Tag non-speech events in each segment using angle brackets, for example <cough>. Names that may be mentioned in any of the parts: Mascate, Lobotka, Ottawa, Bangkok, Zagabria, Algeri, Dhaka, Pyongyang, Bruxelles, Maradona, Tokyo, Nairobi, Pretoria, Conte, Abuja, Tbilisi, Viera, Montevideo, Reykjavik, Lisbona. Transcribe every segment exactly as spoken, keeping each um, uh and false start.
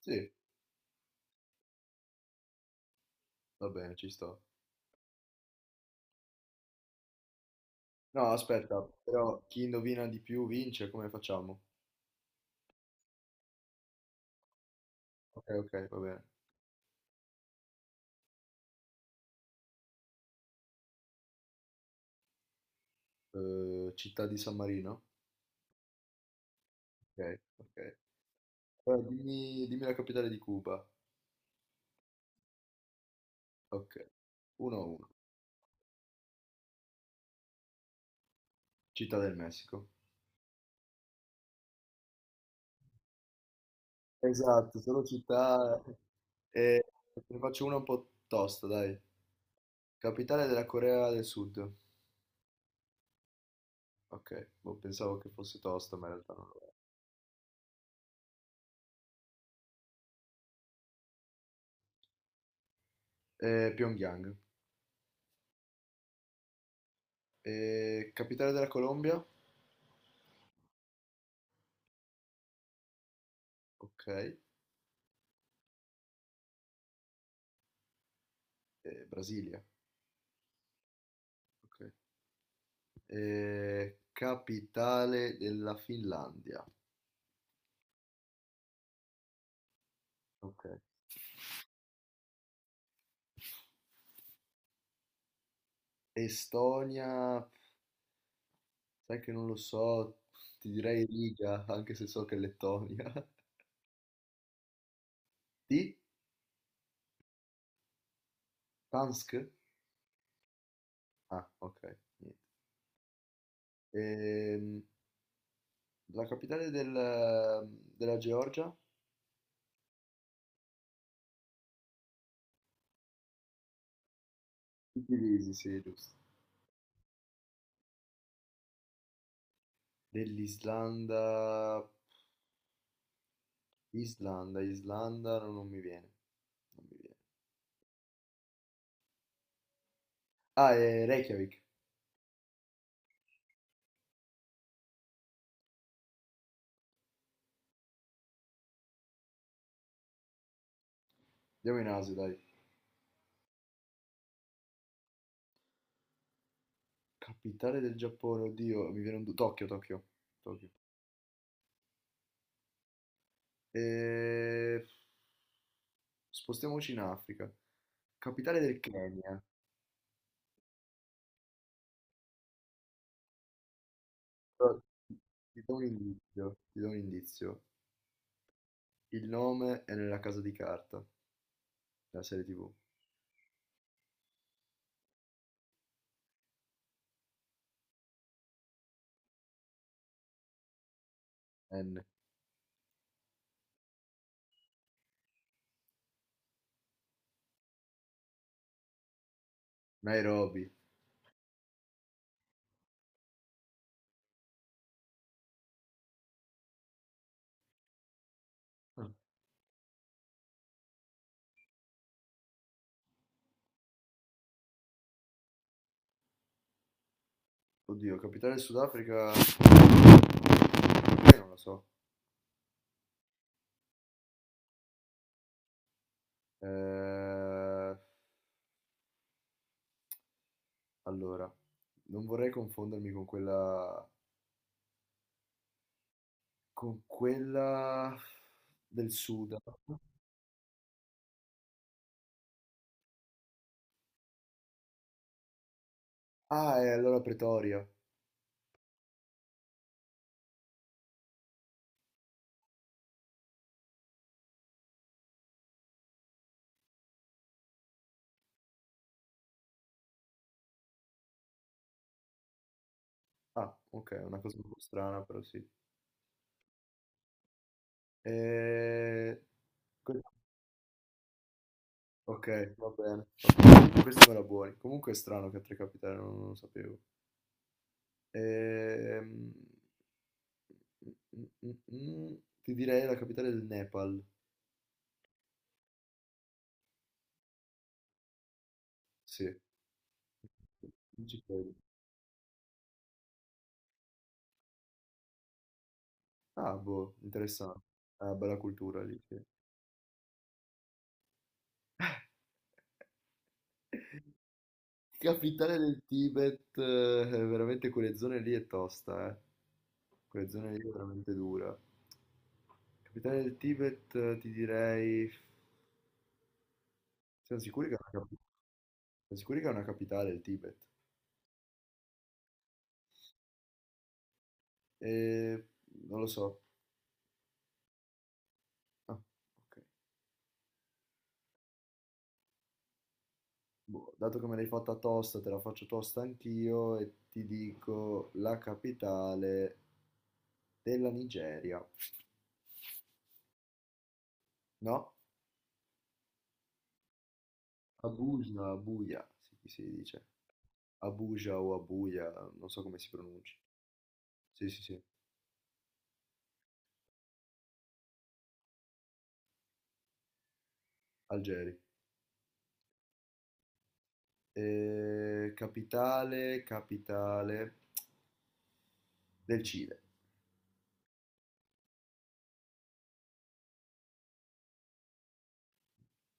Sì, va bene, ci sto. No, aspetta, però chi indovina di più vince, come facciamo? Ok, ok, va bene. Eh, città di San Marino? Ok, ok. Allora, dimmi, dimmi la capitale di Cuba. Ok, uno a uno. Città del Messico. Esatto, sono città. E te ne faccio una un po' tosta, dai. Capitale della Corea del Sud. Ok, boh, pensavo che fosse tosta, ma in realtà non lo è. Eh, Pyongyang. Eh, capitale della Colombia? Ok. Eh, Brasilia, ok. Eh, capitale della Finlandia, ok. Estonia, sai che non lo so, ti direi Riga, anche se so che è Lettonia. <laughs> Di? Tansk? Ah, ok, niente. Ehm, la capitale del- della Georgia? Tbilisi, sì, giusto. Dell'Islanda, Islanda, Islanda, no, non mi viene, non mi viene. Ah, è Reykjavik, andiamo in Asia, dai. Capitale del Giappone, oddio, mi viene un... du- Tokyo, Tokyo, Tokyo. E. Spostiamoci in Africa. Capitale del Kenya. Però ti do un indizio, ti do un indizio. Il nome è nella casa di carta, della serie T V. N. Nairobi. Ah. Oddio, capitale del Sudafrica. Eh, non lo so. Eh, allora, non vorrei confondermi con quella... con quella del Sudan. Ah, è allora Pretoria. Ah, ok, è una cosa un po' strana, però sì. Eh, que- Ok, va bene. Ok, questa me la buoni. Comunque è strano che a Tre Capitali non, non lo sapevo. Ehm, mm, mm, mm, Ti direi la capitale del Nepal. Sì, non ci credo. Ah, boh, interessante. Ah, bella cultura lì, sì. Capitale del Tibet, eh, veramente quelle zone lì è tosta, eh. Quelle zone lì è veramente dura. Capitale del Tibet, eh, ti direi. Siamo sicuri che è una, capi- siamo sicuri che è una capitale il Tibet? Eh, non lo so. Ah, ok. Boh, dato che me l'hai fatta tosta, te la faccio tosta anch'io e ti dico la capitale della Nigeria. No? Abuja, Abuja, sì, si dice. Abuja o Abuja, non so come si pronuncia. Sì, sì, sì, Algeri. Eh, capitale, capitale del Cile.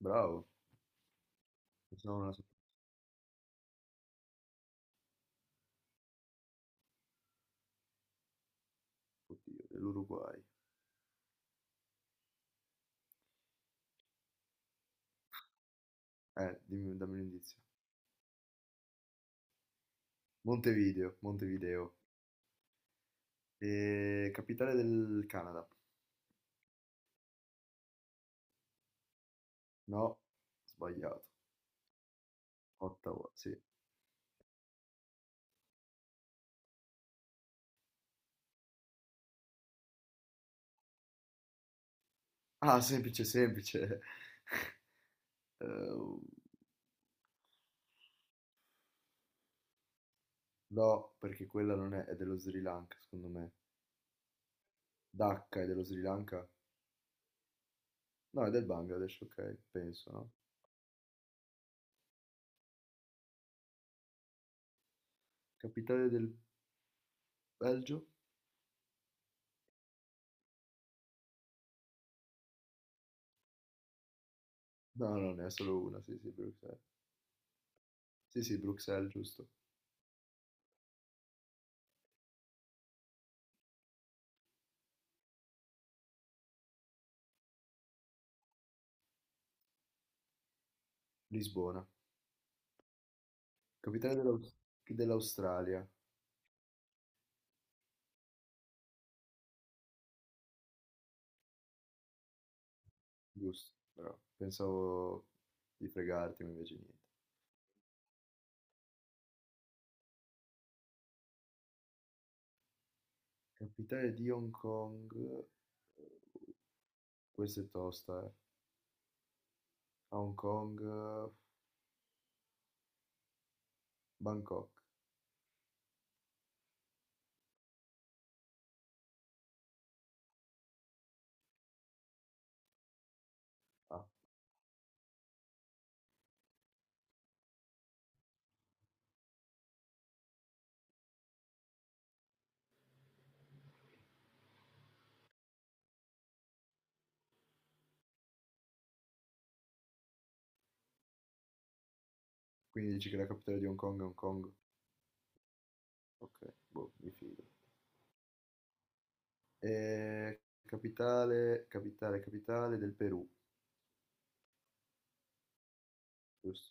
Bravo, pensavo non la sapevo. Oddio, dell'Uruguay. Eh, dimmi, dammi un indizio. Montevideo, Montevideo. Eh, capitale del Canada. No, sbagliato. Ottawa, sì. Ah, semplice, semplice. <laughs> Eh, no, perché quella non è, è dello Sri Lanka, secondo me. Dhaka è dello Sri Lanka. No, è del Bangladesh, ok, penso, no? Capitale del Belgio? No, no, ne è solo una, sì, sì, Bruxelles. Sì, sì, Bruxelles, giusto. Lisbona. Capitale dell'Aus- dell'Australia, giusto, però pensavo di fregarti, ma invece niente. Capitale di Hong Kong, eh, questa è tosta, eh. A Hong Kong, eh, Bangkok. Ah, quindi dici che la capitale di Hong Kong è Hong Kong? Ok, boh, mi fido. Eh, capitale, capitale, capitale del Perù. Giusto.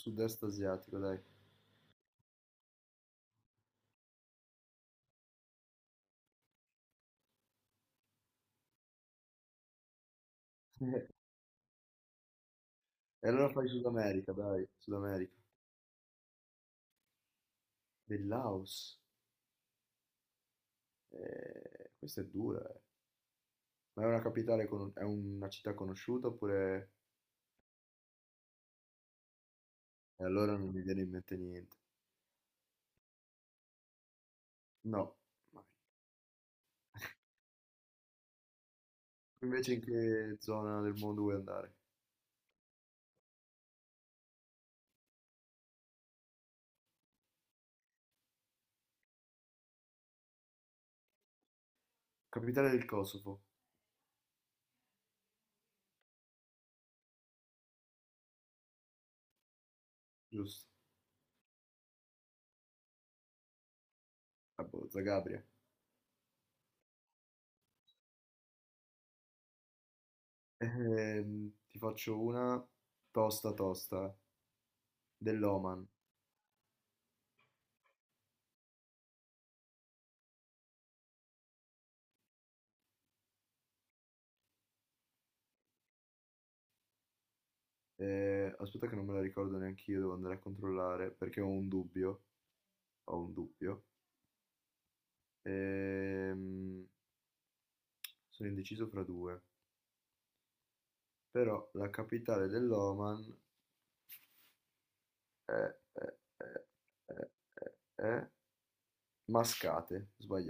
Sud-est asiatico, dai. E allora fai Sud America, dai. Sud America. Del Laos. Eh, questa è dura, eh. Ma è una capitale, con- è una città conosciuta oppure. E allora non mi viene in mente niente. No. Mai. Invece in che zona del mondo vuoi andare? Capitale del Kosovo, giusto. Ah, boh, Zagabria. Ehm, ti faccio una tosta tosta dell'Oman. Eh, aspetta che non me la ricordo neanche io, devo andare a controllare perché ho un dubbio. Ho un dubbio. Ehm, sono indeciso fra due, però la capitale dell'Oman è, è- è- è- è- è Mascate, sbagliato.